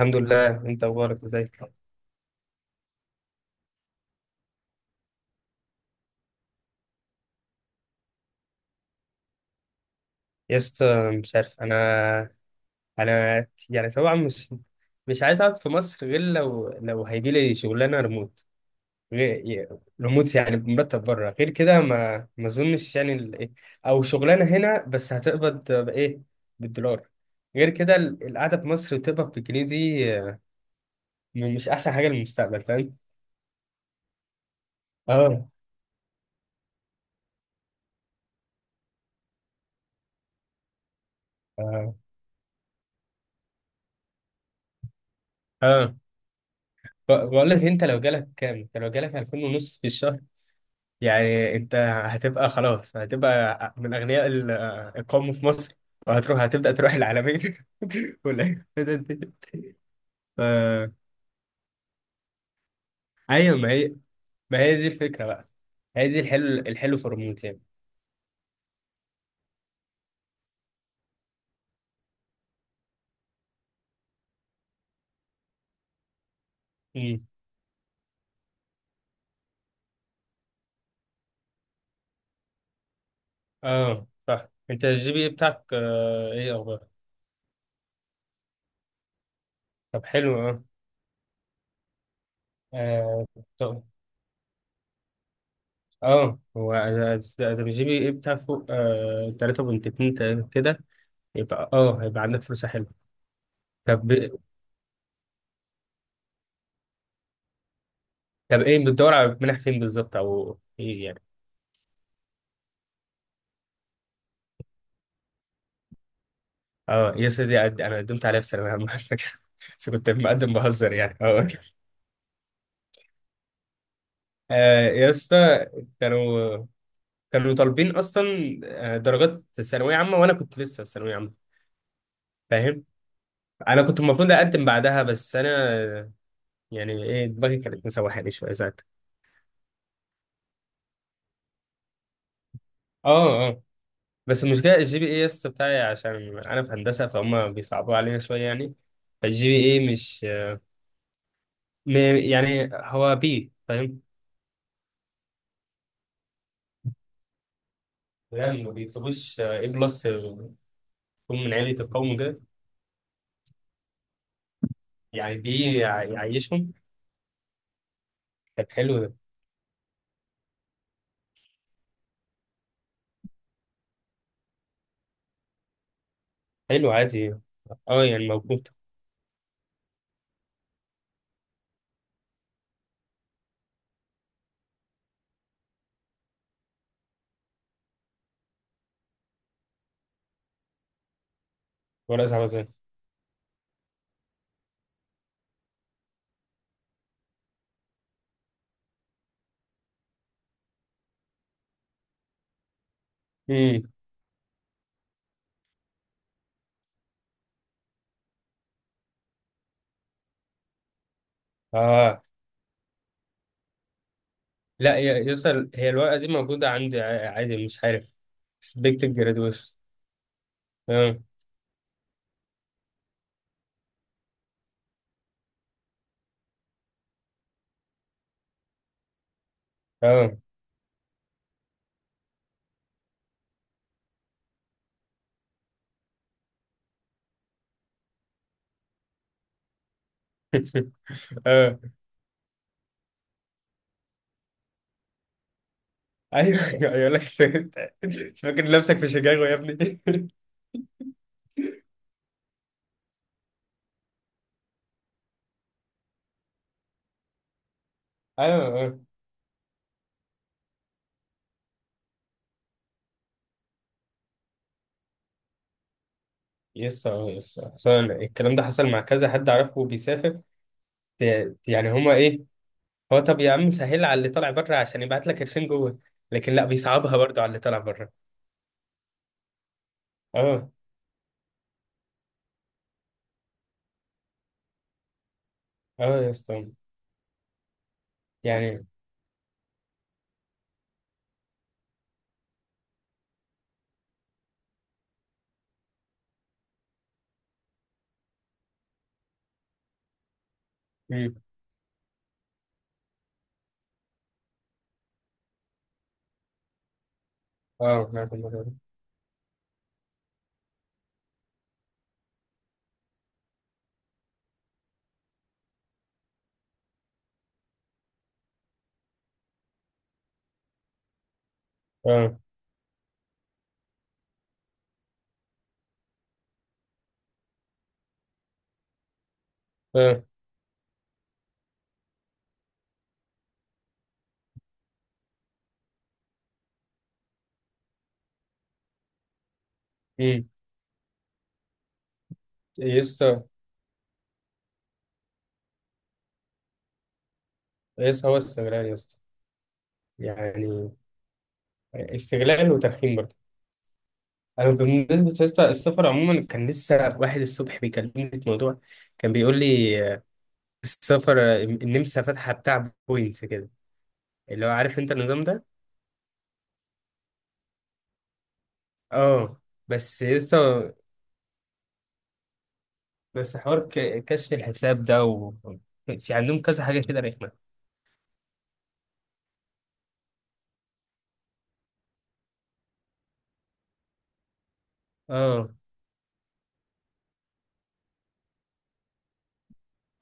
الحمد لله، انت اخبارك؟ ازيك؟ يا اسطى مش عارف. انا يعني طبعا، مش عايز اقعد في مصر غير لو هيجي لي شغلانه ريموت. غير ريموت يعني بمرتب بره، غير كده ما اظنش. او شغلانه هنا بس هتقبض بايه؟ بالدولار. غير كده القعده في مصر وتقبض بالجنيه دي، مش احسن حاجه للمستقبل، فاهم؟ اه، اه، اه. بقول لك، انت لو جالك كام، انت لو جالك 2000 ونص في الشهر، يعني انت هتبقى، خلاص هتبقى من اغنياء القوم في مصر. وهتروح، هتبدا تروح العالمين ولا؟ ف... ايوه، ما هي، دي الفكره بقى. هي دي الحلو، الحلو في الريموت يعني. مم. اه صح، انت الجي بي إيه بتاعك، ايه اخبار؟ طب حلو، اه، اه. طب- اه، هو ده، ده الجي بي ايه بتاع فوق، 3.2 تقريبا كده. يبقى هيبقى عندك فرصه حلوه. طب، ايه، بتدور على منح فين بالظبط، او ايه يعني؟ اه، يس، دي انا قدمت عليها في ثانويه عامه على فكره بس كنت مقدم بهزر يعني، اه. يا اسطى، كانوا كانوا طالبين اصلا درجات ثانويه عامه، وانا كنت لسه في ثانويه عامه، فاهم؟ انا كنت المفروض اقدم بعدها، بس انا، آه، يعني ايه، دماغي كانت مسوحاني شويه ساعتها. اه، اه. بس المشكله الجي بي اي يا اسطى بتاعي، عشان انا في هندسه، فهم بيصعبوا علينا شويه يعني. فالجي بي اي مش، يعني هو بي، فاهم. لا، ما بيطلبوش ايه بلس، يكون من عيلة القوم كده، يعني بيعيشهم. طب حلو ده. حلو، عادي، اه، يعني موجود. ورقة صعبة زي؟ امم. اه، لا يا يسأل، هي الورقة دي موجودة عندي، عادي، مش عارف. expected graduation. اه، اه. اه، ايوه، ايوه يقول لك انت، أنت فاكر نفسك في شيكاغو يا ابني؟ ايوه، اه، يس، اه، يس. أصل أنا الكلام ده حصل مع كذا حد اعرفه بيسافر. يعني هما ايه، هو طب يا عم، سهل على اللي طالع بره عشان يبعت لك قرشين جوه، لكن لا، بيصعبها برضو على اللي طالع بره. اه، اه يا اسطى، يعني مم. اه، نعرف الموضوع ده. اه، اه. مم. يا اسطى، يا اسطى هو استغلال يا اسطى، يعني استغلال وترخيم برضو. انا بالنسبه يا اسطى، السفر عموما، كان لسه واحد الصبح بيكلمني في موضوع، كان بيقول لي السفر، النمسا فاتحه بتاع بوينتس كده، اللي هو عارف انت النظام ده. اه، بس لسه، بس حوار كشف الحساب ده، في عندهم كذا حاجة كده رخمة. اه،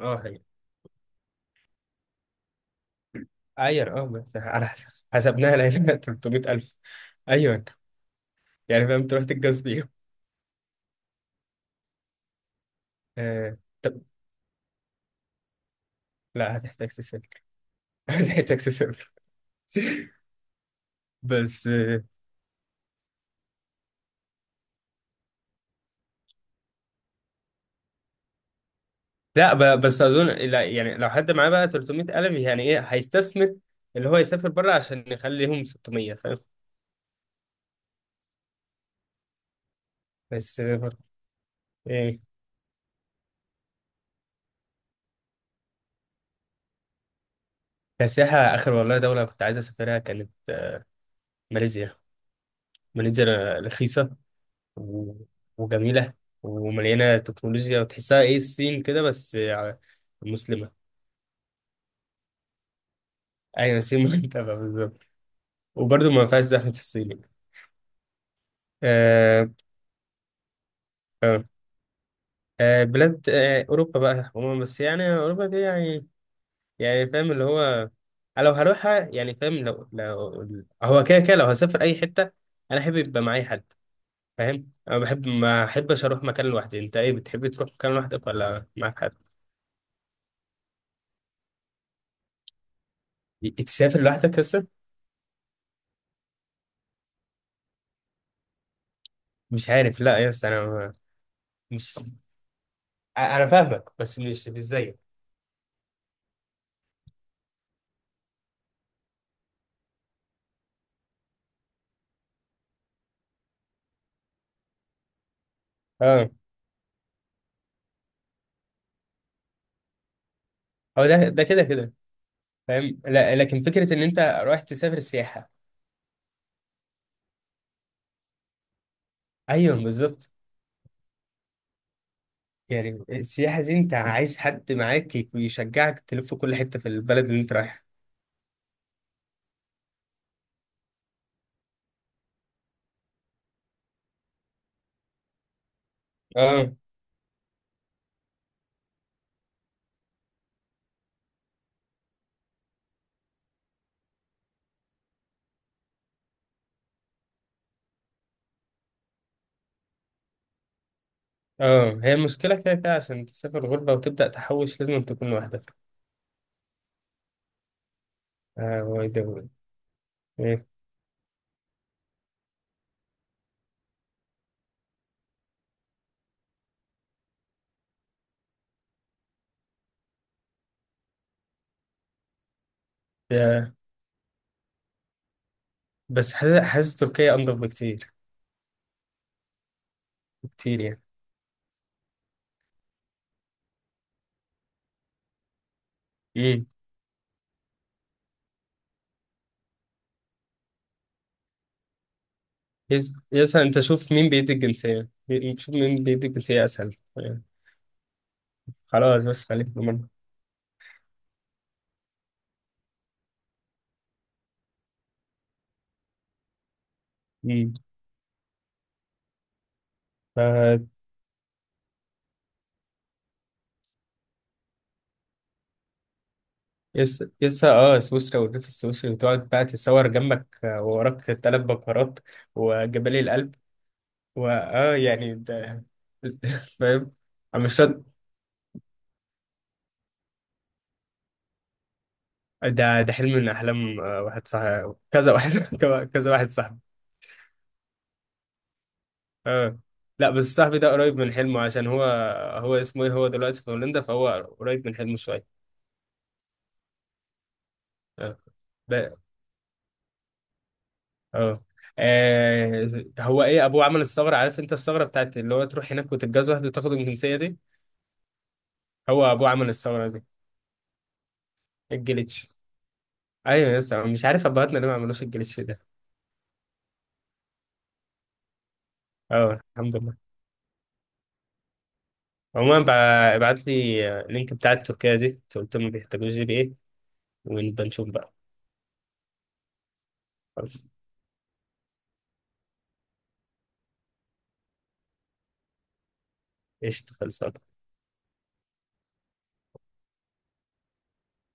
اه، هي. عير، بس على حسب حسبناها، لقينا 300000. أيوة. يعني فاهم، تروح تتجوز بيهم. آه. طب لا، هتحتاج تسافر هتحتاج تسافر بس لا، بس أظن، لا، يعني لو حد معاه بقى 300000، يعني إيه، هيستثمر، اللي هو يسافر بره عشان يخليهم 600، فاهم؟ بس برضه. إيه؟ كسياحة، آخر والله دولة كنت عايز أسافرها كانت، ماليزيا. ماليزيا رخيصة، و- وجميلة ومليانة تكنولوجيا، وتحسها ايه الصين كده، بس مسلمة. أيوة، الصين متابعة بالظبط. وبرضه ما فيهاش زحمة الصين. آه، آه، بلاد أوروبا بقى عموما، بس يعني أوروبا دي يعني، فاهم اللي هو، أنا لو هروحها يعني فاهم، لو هو كده كده، لو هسافر أي حتة، أنا أحب يبقى معايا حد. فاهم؟ أنا بحب، ما أحبش أروح مكان لوحدي. أنت إيه، بتحب تروح مكان لوحدك ولا معاك حد؟ تسافر لوحدك بس؟ مش عارف. لا يا اسطى، انا ما- مش ع- انا فاهمك، بس مش زيك. اه، هو ده، كده كده، فاهم. لا، لكن فكره ان انت رايح تسافر سياحه. ايوه بالظبط. يعني السياحه دي، انت عايز حد معاك يشجعك تلف كل حته في البلد اللي انت رايحها. اه، اه، هي المشكله، كده كده عشان تسافر غربه وتبدا تحوش لازم تكون لوحدك. اه، واي ده. ايه؟ ده- بس حاسس تركيا انضف بكتير، بكتير يعني. يس، يس، انت شوف مين بيدي الجنسية، شوف مين بيدي الجنسية اسهل يعني. خلاص، بس خليك في المرة. امم. ف يس، يس، اه، سويسرا والريف السويسري، وتقعد بقى تتصور جنبك، ووراك تلات بكرات وجبالي الألب، واه يعني ده فاهم. أنا مش شرط. ده حلم من احلام واحد صاحبي، كذا واحد كذا واحد صاحبي. اه، لا، بس صاحبي ده قريب من حلمه، عشان هو، اسمه ايه، هو دلوقتي في هولندا، فهو قريب من حلمه شوية. آه. اه. آه، هو ايه، ابوه عمل الثغره. عارف انت الثغره بتاعت اللي هو تروح هناك وتتجوز واحده وتاخد الجنسيه دي. هو ابوه عمل الثغره دي. الجليتش. ايوه يا اسطى، مش عارف ابهاتنا ليه ما عملوش الجليتش ده. اه، الحمد لله. عموما، ابعت لي اللينك بتاع التركيه دي، قلت لهم بيحتاجوا جي بي ايه، ونبقى نشوف بقى. خلاص. قشطه، خلصان.